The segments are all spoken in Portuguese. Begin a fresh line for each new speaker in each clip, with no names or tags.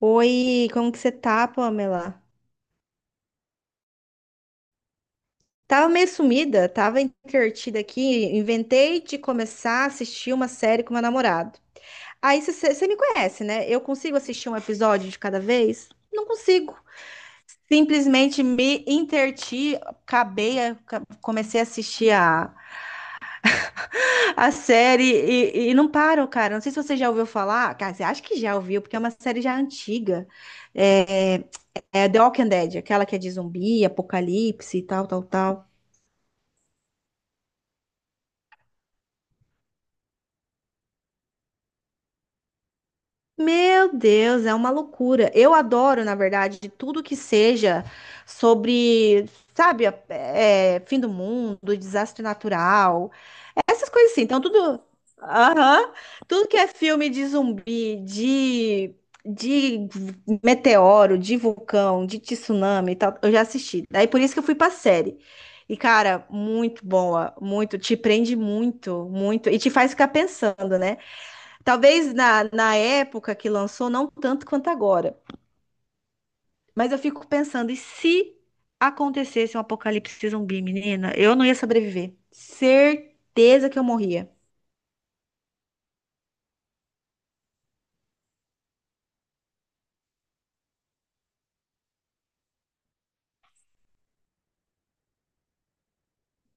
Oi, como que você tá, Pamela? Tava meio sumida, tava entretida aqui, inventei de começar a assistir uma série com meu namorado. Aí você me conhece, né? Eu consigo assistir um episódio de cada vez? Não consigo. Simplesmente me interti, acabei, comecei a assistir a série e não paro, cara. Não sei se você já ouviu falar, cara, você acha que já ouviu, porque é uma série já antiga. É, É The Walking Dead, aquela que é de zumbi, apocalipse e tal, tal, tal. Meu Deus, é uma loucura. Eu adoro, na verdade, tudo que seja sobre, sabe, é, fim do mundo, desastre natural. Essas coisas assim. Então, tudo. Aham. Tudo que é filme de zumbi, de meteoro, de vulcão, de tsunami e tal, eu já assisti. Daí por isso que eu fui pra série. E, cara, muito boa, muito, te prende muito, muito, e te faz ficar pensando, né? Talvez na época que lançou, não tanto quanto agora, mas eu fico pensando, e se acontecesse um apocalipse zumbi, menina, eu não ia sobreviver. Certeza que eu morria.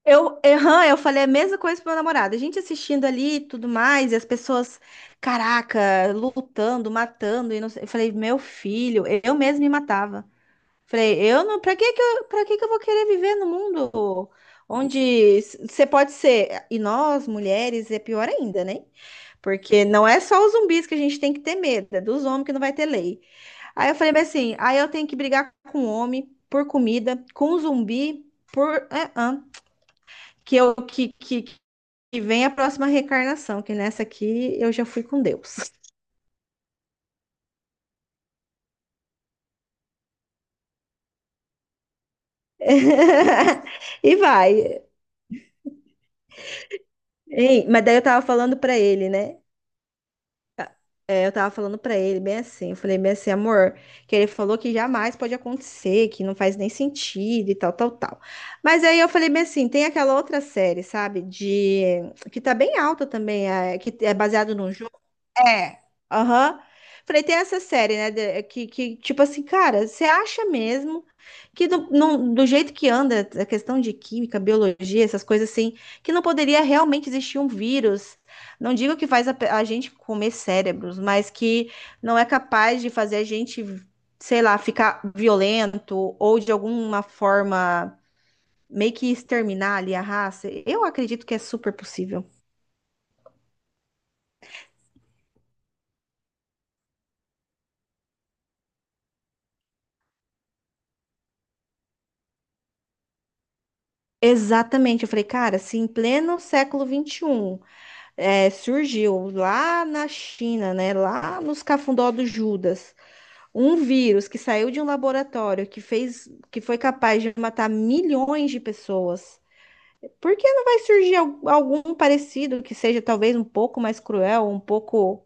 Eu, aham, eu falei a mesma coisa pro meu namorado. A gente assistindo ali e tudo mais, e as pessoas, caraca, lutando, matando, e não sei. Eu falei, meu filho, eu mesmo me matava. Falei, eu não, pra que que eu vou querer viver no mundo onde você pode ser, e nós, mulheres, é pior ainda, né? Porque não é só os zumbis que a gente tem que ter medo, é dos homens que não vai ter lei. Aí eu falei, mas assim, aí eu tenho que brigar com o homem por comida, com o zumbi por. É, hã? Que eu que, e vem a próxima reencarnação, que nessa aqui eu já fui com Deus. E vai. Ei, mas daí eu tava falando pra ele, né? É, eu tava falando pra ele bem assim, eu falei bem assim, amor, que ele falou que jamais pode acontecer, que não faz nem sentido e tal, tal, tal. Mas aí eu falei bem assim, tem aquela outra série, sabe, de que tá bem alta também, é, que é baseado num jogo. É. Aham. Falei, tem essa série, né, que tipo assim, cara, você acha mesmo que do, não- do jeito que anda a questão de química, biologia, essas coisas assim, que não poderia realmente existir um vírus? Não digo que faz a, a gente comer cérebros, mas que não é capaz de fazer a gente, sei lá, ficar violento ou de alguma forma meio que exterminar ali a raça. Eu acredito que é super possível. Exatamente, eu falei, cara, se em pleno século XXI é, surgiu lá na China, né, lá nos cafundó do Judas, um vírus que saiu de um laboratório que fez, que foi capaz de matar milhões de pessoas. Por que não vai surgir algum parecido que seja talvez um pouco mais cruel, um pouco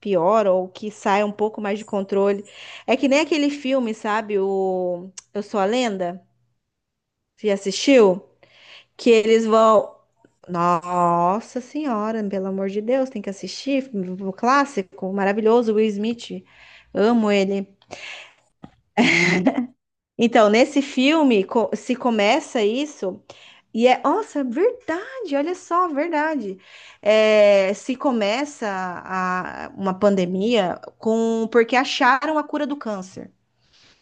pior, ou que saia um pouco mais de controle? É que nem aquele filme, sabe? O Eu Sou a Lenda? Você já assistiu? Que eles vão. Nossa Senhora, pelo amor de Deus, tem que assistir. O clássico, maravilhoso, Will Smith. Amo ele. Então, nesse filme, se começa isso. E é, nossa, é verdade, olha só, verdade. É, se começa uma pandemia com porque acharam a cura do câncer.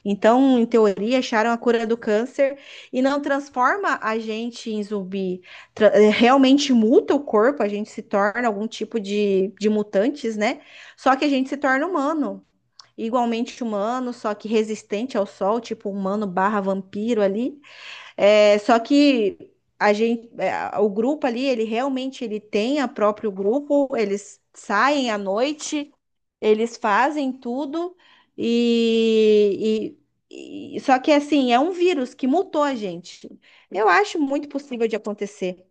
Então, em teoria, acharam a cura do câncer e não transforma a gente em zumbi. É, realmente muta o corpo, a gente se torna algum tipo de mutantes, né? Só que a gente se torna humano. Igualmente humano, só que resistente ao sol, tipo humano barra vampiro ali. É, só que a gente, é, o grupo ali, ele realmente ele tem a próprio grupo, eles saem à noite, eles fazem tudo e, só que assim, é um vírus que mutou a gente. Eu acho muito possível de acontecer.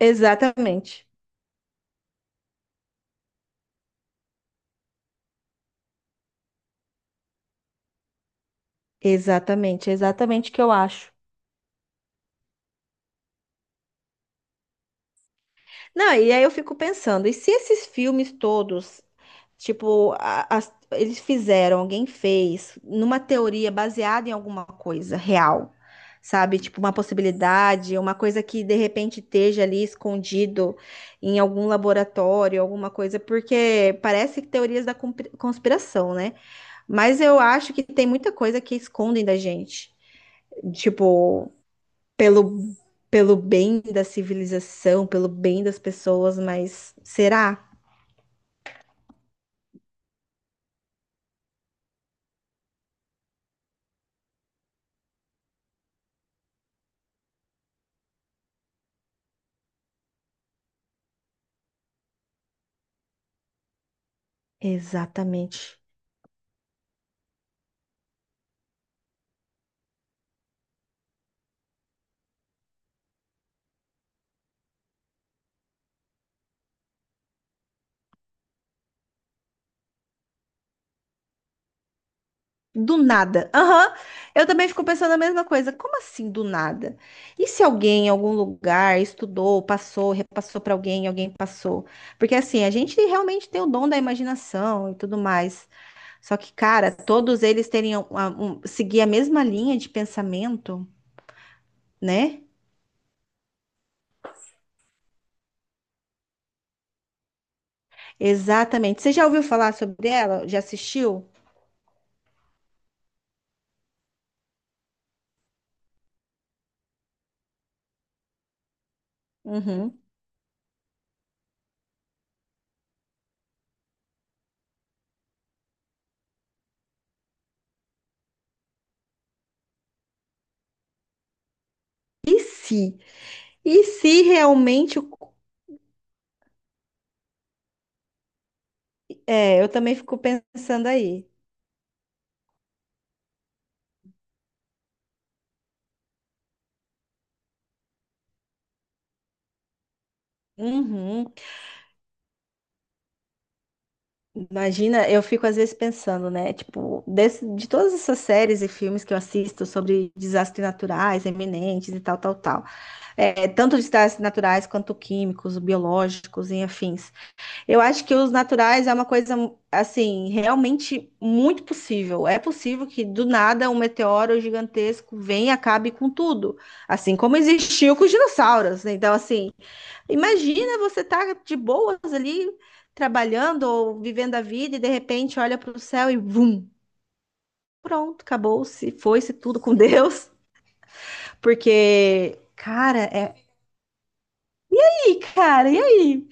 Exatamente. Exatamente o que eu acho. Não, e aí eu fico pensando, e se esses filmes todos, tipo, eles fizeram, alguém fez, numa teoria baseada em alguma coisa real, sabe? Tipo, uma possibilidade, uma coisa que de repente esteja ali escondido em algum laboratório, alguma coisa, porque parece teorias da conspiração, né? Mas eu acho que tem muita coisa que escondem da gente. Tipo, pelo, pelo bem da civilização, pelo bem das pessoas, mas será? Exatamente. Do nada. Aham. Eu também fico pensando a mesma coisa. Como assim do nada? E se alguém em algum lugar estudou, passou, repassou para alguém, alguém passou? Porque assim, a gente realmente tem o dom da imaginação e tudo mais. Só que, cara, todos eles teriam seguir a mesma linha de pensamento, né? Exatamente. Você já ouviu falar sobre ela? Já assistiu? Uhum. E se? E se realmente. O- É, eu também fico pensando aí. Uhum. Imagina, eu fico às vezes pensando, né? Tipo, desse- de todas essas séries e filmes que eu assisto sobre desastres naturais, eminentes e tal, tal, tal. É, tanto desastres naturais quanto químicos, biológicos e afins. Eu acho que os naturais é uma coisa, assim, realmente muito possível. É possível que do nada um meteoro gigantesco venha e acabe com tudo. Assim como existiu com os dinossauros. Né? Então, assim, imagina você tá de boas ali, trabalhando ou vivendo a vida e de repente olha para o céu e vum, pronto, acabou-se, foi-se tudo com Deus. Porque, cara, é. E aí, cara, e aí?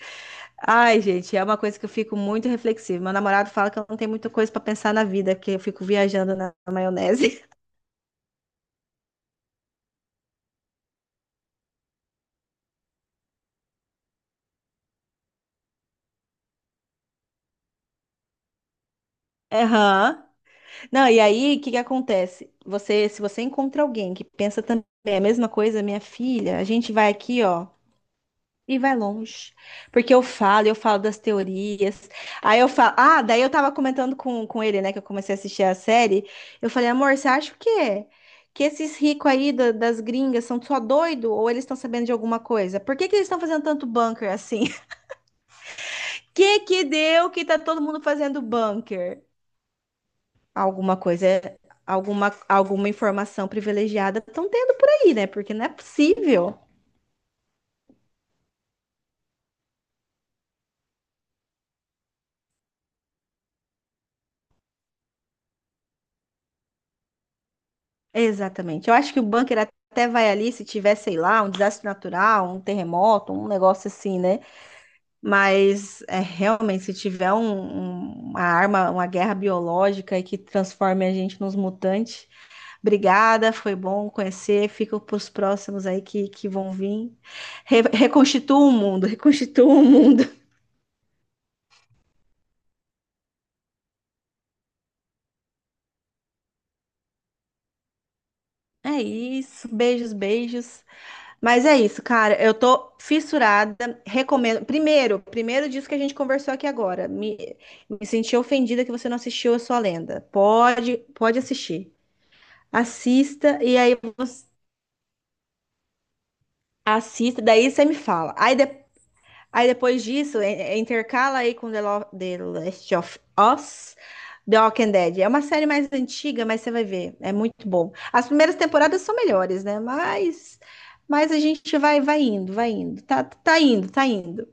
Ai, gente, é uma coisa que eu fico muito reflexiva. Meu namorado fala que eu não tenho muita coisa pra pensar na vida, que eu fico viajando na maionese. Aham. Não, e aí, o que que acontece? Você, se você encontra alguém que pensa também a mesma coisa, minha filha, a gente vai aqui, ó. E vai longe. Porque eu falo das teorias. Aí eu falo. Ah, daí eu tava comentando com ele, né? Que eu comecei a assistir a série. Eu falei, amor, você acha o quê? Que esses ricos aí das gringas são só doido ou eles estão sabendo de alguma coisa? Por que que eles estão fazendo tanto bunker assim? Que deu que tá todo mundo fazendo bunker? Alguma coisa, alguma informação privilegiada estão tendo por aí, né? Porque não é possível. Exatamente. Eu acho que o bunker até vai ali se tiver, sei lá, um desastre natural, um terremoto, um negócio assim, né? Mas é, realmente, se tiver uma arma, uma guerra biológica e que transforme a gente nos mutantes, obrigada, foi bom conhecer. Fica para os próximos aí que vão vir. Reconstitua o mundo, reconstitua o mundo. É isso. Beijos, beijos. Mas é isso, cara. Eu tô fissurada. Recomendo. Primeiro disso que a gente conversou aqui agora. Me senti ofendida que você não assistiu a sua lenda. Pode assistir. Assista e aí você assista. Daí você me fala. Aí, aí depois disso, intercala aí com The Last of Us. The Walking Dead. É uma série mais antiga, mas você vai ver. É muito bom. As primeiras temporadas são melhores, né? Mas a gente vai, vai indo, vai indo. Tá, tá indo, tá indo.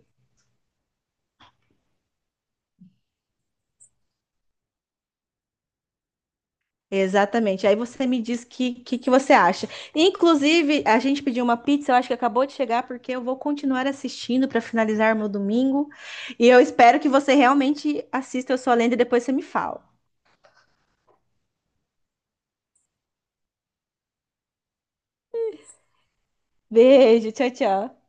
Exatamente. Aí você me diz que você acha. Inclusive, a gente pediu uma pizza, eu acho que acabou de chegar, porque eu vou continuar assistindo para finalizar meu domingo. E eu espero que você realmente assista Eu Sou a Lenda e depois você me fala. Beijo, tchau, tchau.